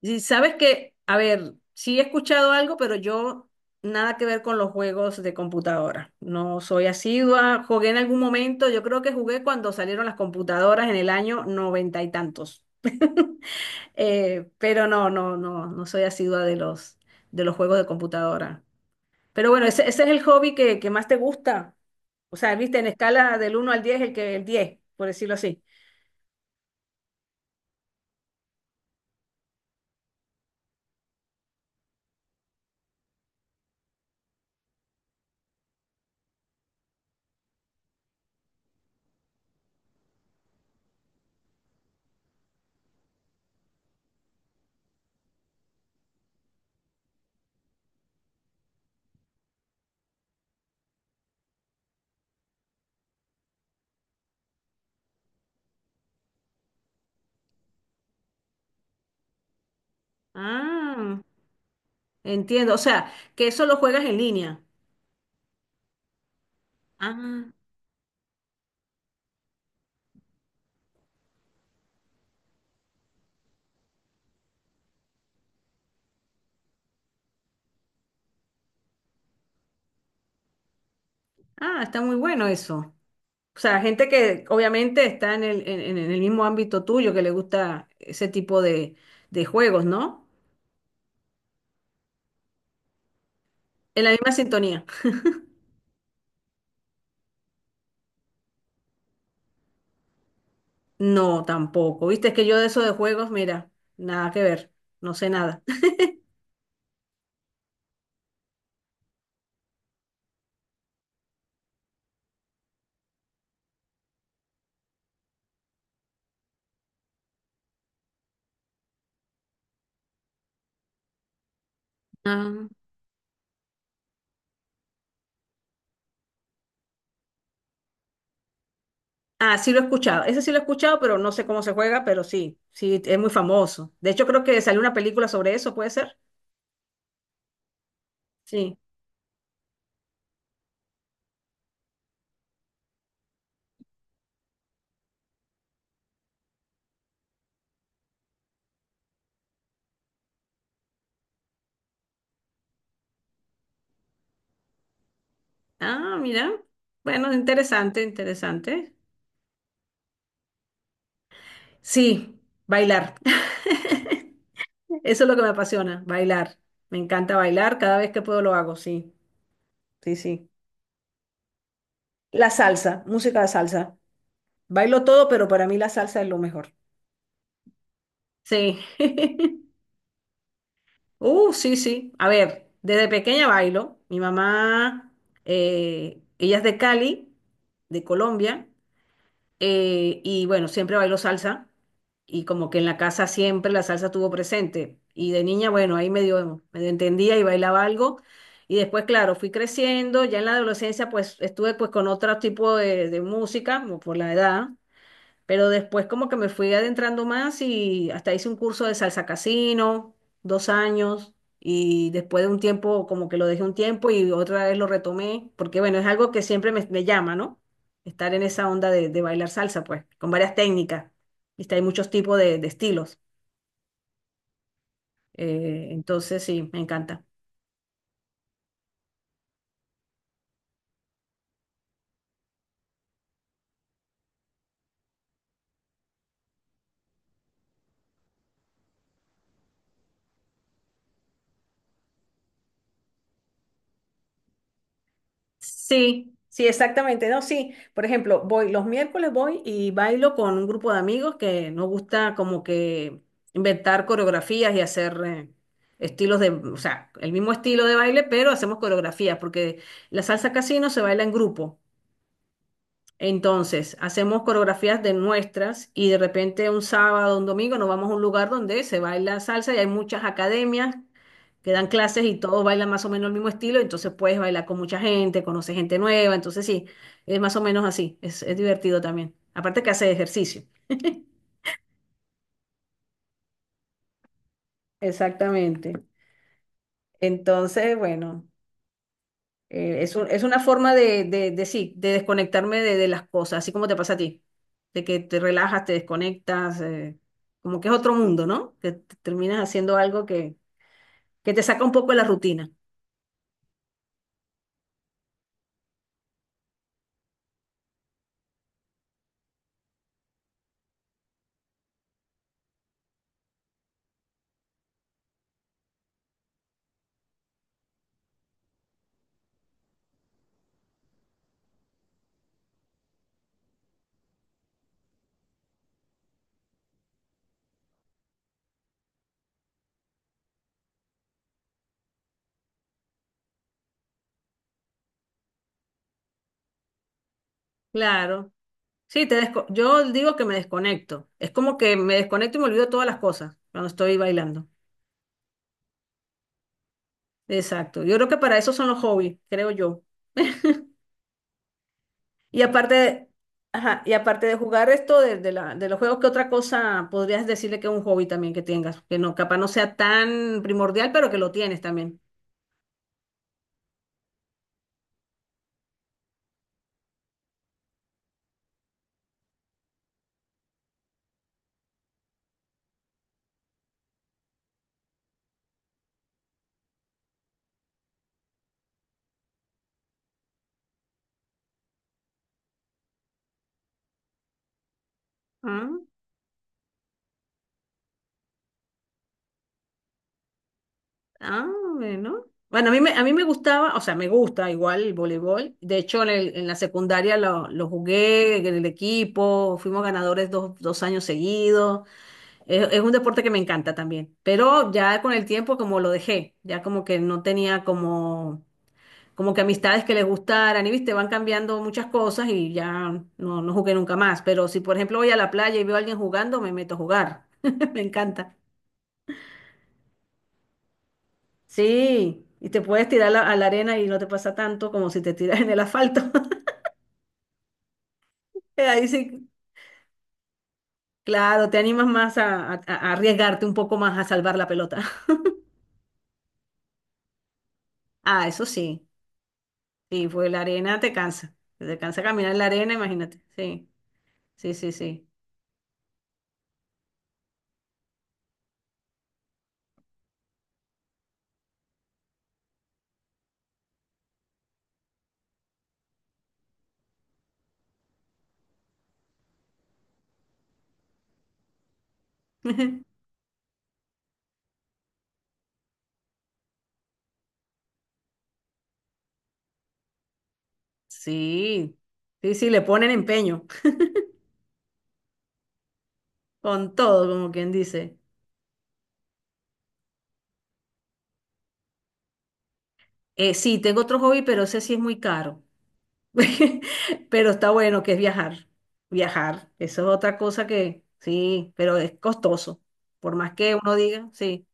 Y sabes que, a ver, sí he escuchado algo, pero yo nada que ver con los juegos de computadora. No soy asidua, jugué en algún momento, yo creo que jugué cuando salieron las computadoras en el año noventa y tantos. Pero no, no, no, no soy asidua de los juegos de computadora. Pero bueno, ese es el hobby que más te gusta. O sea, viste, en escala del uno al 10 el que el 10 por decirlo así. Ah, entiendo. O sea, que eso lo juegas en línea. Ah. Ah, está muy bueno eso. O sea, gente que obviamente está en el mismo ámbito tuyo, que le gusta ese tipo de juegos, ¿no? En la misma sintonía. No, tampoco. Viste, es que yo de eso de juegos, mira, nada que ver. No sé nada. Ah, ah, sí lo he escuchado. Ese sí lo he escuchado, pero no sé cómo se juega, pero sí, sí, es muy famoso. De hecho, creo que salió una película sobre eso, ¿puede ser? Sí. Ah, mira. Bueno, interesante, interesante. Sí, bailar. Eso es lo que me apasiona, bailar. Me encanta bailar, cada vez que puedo lo hago, sí, sí, sí. La salsa, música de salsa. Bailo todo, pero para mí la salsa es lo mejor. Sí. Sí, sí. A ver, desde pequeña bailo. Mi mamá, ella es de Cali, de Colombia. Y bueno, siempre bailo salsa y como que en la casa siempre la salsa estuvo presente. Y de niña, bueno, ahí medio, medio entendía y bailaba algo. Y después, claro, fui creciendo, ya en la adolescencia pues estuve pues con otro tipo de música, como por la edad. Pero después como que me fui adentrando más y hasta hice un curso de salsa casino, 2 años, y después de un tiempo como que lo dejé un tiempo y otra vez lo retomé, porque bueno, es algo que siempre me llama, ¿no? Estar en esa onda de bailar salsa, pues, con varias técnicas. Y hay muchos tipos de estilos. Entonces sí, me encanta. Sí, sí, exactamente. No, sí. Por ejemplo, voy los miércoles voy y bailo con un grupo de amigos que nos gusta como que inventar coreografías y hacer estilos de, o sea, el mismo estilo de baile, pero hacemos coreografías porque la salsa casino se baila en grupo. Entonces, hacemos coreografías de nuestras y de repente un sábado, un domingo, nos vamos a un lugar donde se baila salsa y hay muchas academias que dan clases y todos bailan más o menos el mismo estilo, entonces puedes bailar con mucha gente, conoces gente nueva, entonces sí, es más o menos así, es divertido también. Aparte que hace ejercicio. Exactamente. Entonces, bueno. Es una forma de desconectarme de las cosas, así como te pasa a ti, de que te relajas, te desconectas, como que es otro mundo, ¿no? Que te terminas haciendo algo que te saca un poco de la rutina. Claro. Yo digo que me desconecto. Es como que me desconecto y me olvido todas las cosas cuando estoy bailando. Exacto. Yo creo que para eso son los hobbies, creo yo. Y aparte, ajá, y aparte de jugar esto de los juegos, ¿qué otra cosa podrías decirle que es un hobby también que tengas? Que no, capaz no sea tan primordial, pero que lo tienes también. Ah, ah, bueno. Bueno, a mí me gustaba, o sea, me gusta igual el voleibol. De hecho, en la secundaria lo jugué en el equipo, fuimos ganadores dos años seguidos. Es un deporte que me encanta también. Pero ya con el tiempo como lo dejé, ya como que no tenía como como que amistades que les gustaran y viste, van cambiando muchas cosas y ya no, no jugué nunca más. Pero si por ejemplo voy a la playa y veo a alguien jugando, me meto a jugar. Me encanta. Sí, y te puedes tirar a la arena y no te pasa tanto como si te tiras en el asfalto. Ahí sí, claro, te animas más a arriesgarte un poco más a salvar la pelota. Ah, eso sí, sí, pues la arena te cansa. Te cansa caminar en la arena, imagínate. Sí, sí, sí, sí. Sí, sí, sí, le ponen empeño. Con todo, como quien dice. Sí, tengo otro hobby, pero ese sí es muy caro. Pero está bueno, que es viajar. Viajar. Eso es otra cosa que, sí, pero es costoso. Por más que uno diga, sí,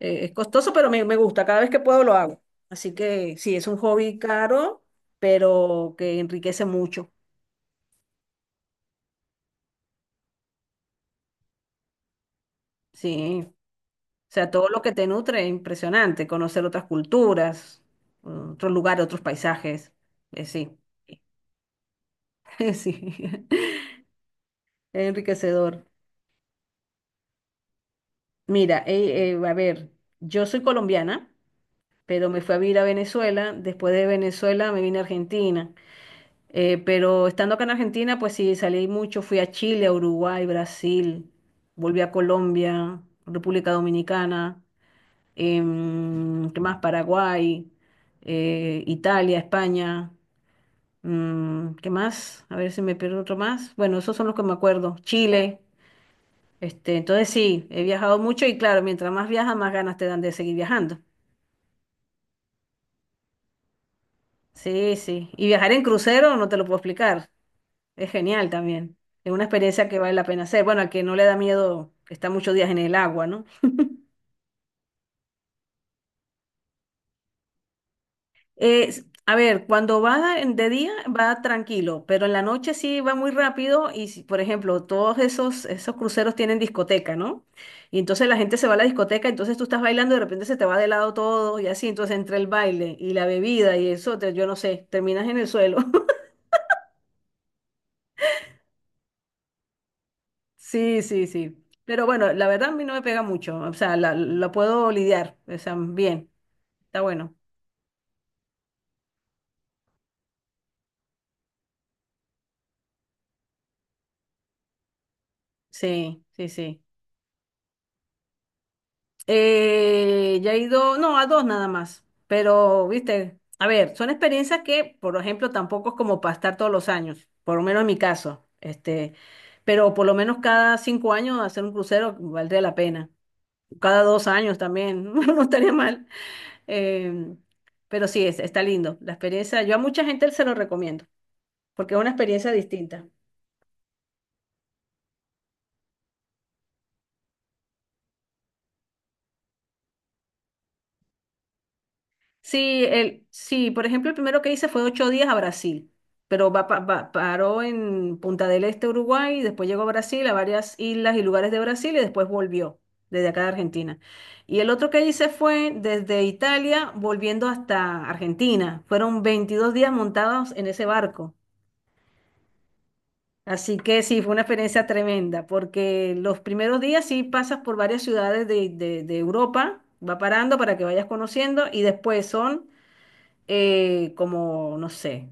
es costoso, pero me gusta. Cada vez que puedo lo hago. Así que sí, es un hobby caro, pero que enriquece mucho. Sí. O sea, todo lo que te nutre es impresionante. Conocer otras culturas, otros lugares, otros paisajes. Sí, sí. Enriquecedor. Mira, a ver, yo soy colombiana, pero me fui a vivir a Venezuela. Después de Venezuela me vine a Argentina. Pero estando acá en Argentina, pues sí, salí mucho. Fui a Chile, a Uruguay, Brasil. Volví a Colombia, República Dominicana. ¿Qué más? Paraguay, Italia, España. ¿Qué más? A ver si me pierdo otro más. Bueno, esos son los que me acuerdo. Chile. Este, entonces sí, he viajado mucho y claro, mientras más viajas, más ganas te dan de seguir viajando. Sí, sí. Y viajar en crucero no te lo puedo explicar. Es genial también. Es una experiencia que vale la pena hacer. Bueno, al que no le da miedo estar muchos días en el agua, ¿no? A ver, cuando de día va tranquilo, pero en la noche sí va muy rápido y, por ejemplo, esos cruceros tienen discoteca, ¿no? Y entonces la gente se va a la discoteca, entonces tú estás bailando y de repente se te va de lado todo y así, entonces entre el baile y la bebida y eso, yo no sé, terminas en el suelo. Sí, sí, sí. Pero bueno, la verdad a mí no me pega mucho, o sea, la puedo lidiar, o sea, bien, está bueno. Sí, sí, sí. Ya he ido, no, a dos nada más, pero, viste, a ver, son experiencias que, por ejemplo, tampoco es como para estar todos los años, por lo menos en mi caso, este, pero por lo menos cada 5 años hacer un crucero valdría la pena, cada 2 años también, no estaría mal, eh, pero sí, está lindo la experiencia, yo a mucha gente se lo recomiendo, porque es una experiencia distinta. Sí, el, sí, por ejemplo, el primero que hice fue 8 días a Brasil, pero paró en Punta del Este, Uruguay, y después llegó a Brasil, a varias islas y lugares de Brasil, y después volvió desde acá de Argentina. Y el otro que hice fue desde Italia, volviendo hasta Argentina. Fueron 22 días montados en ese barco. Así que sí, fue una experiencia tremenda, porque los primeros días sí pasas por varias ciudades de Europa, va parando para que vayas conociendo, y después son como, no sé,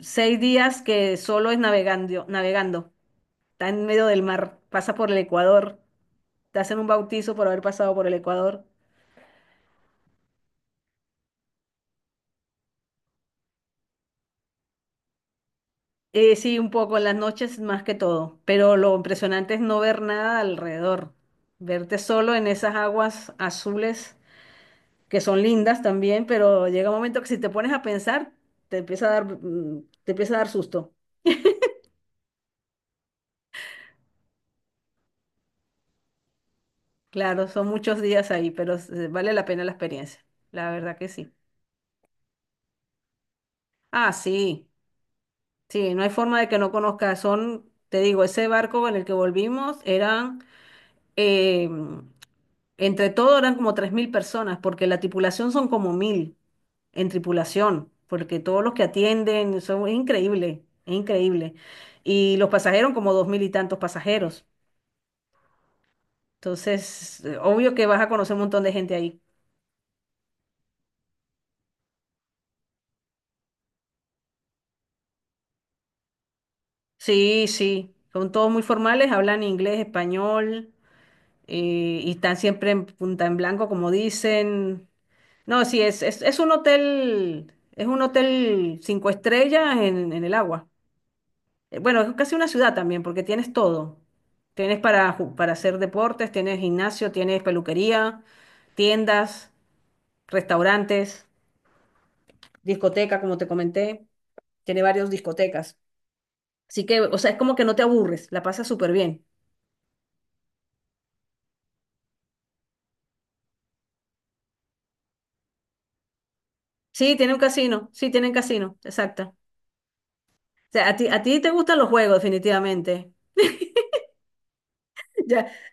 6 días que solo es navegando, navegando. Está en medio del mar, pasa por el Ecuador, te hacen un bautizo por haber pasado por el Ecuador. Sí, un poco en las noches más que todo, pero lo impresionante es no ver nada alrededor, verte solo en esas aguas azules que son lindas también, pero llega un momento que si te pones a pensar, te empieza a dar, te empieza a dar susto. Claro, son muchos días ahí, pero vale la pena la experiencia, la verdad que sí. Ah, sí, sí, no hay forma de que no conozca. Son, te digo, ese barco en el que volvimos eran, eh, entre todo eran como 3.000 personas, porque la tripulación son como 1.000 en tripulación, porque todos los que atienden, son, es increíble, es increíble. Y los pasajeros como 2.000 y tantos pasajeros. Entonces, obvio que vas a conocer un montón de gente ahí. Sí, sí, son todos muy formales, hablan inglés, español, y están siempre en punta en blanco, como dicen. No, sí, es un hotel, 5 estrellas en el agua. Bueno, es casi una ciudad también, porque tienes todo. Tienes para, para hacer deportes, tienes gimnasio, tienes peluquería, tiendas, restaurantes, discoteca, como te comenté. Tiene varias discotecas. Así que, o sea, es como que no te aburres, la pasas súper bien. Sí, tiene un casino, sí, tiene un casino, exacto. O sea, a ti te gustan los juegos, definitivamente.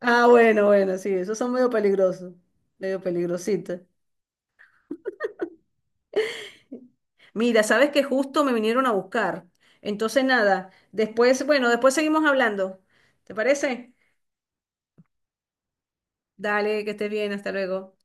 Ah, bueno, bueno, sí, esos son medio peligrosos, medio peligrositos. Mira, sabes que justo me vinieron a buscar. Entonces, nada, después, bueno, después seguimos hablando. ¿Te parece? Dale, que estés bien, hasta luego.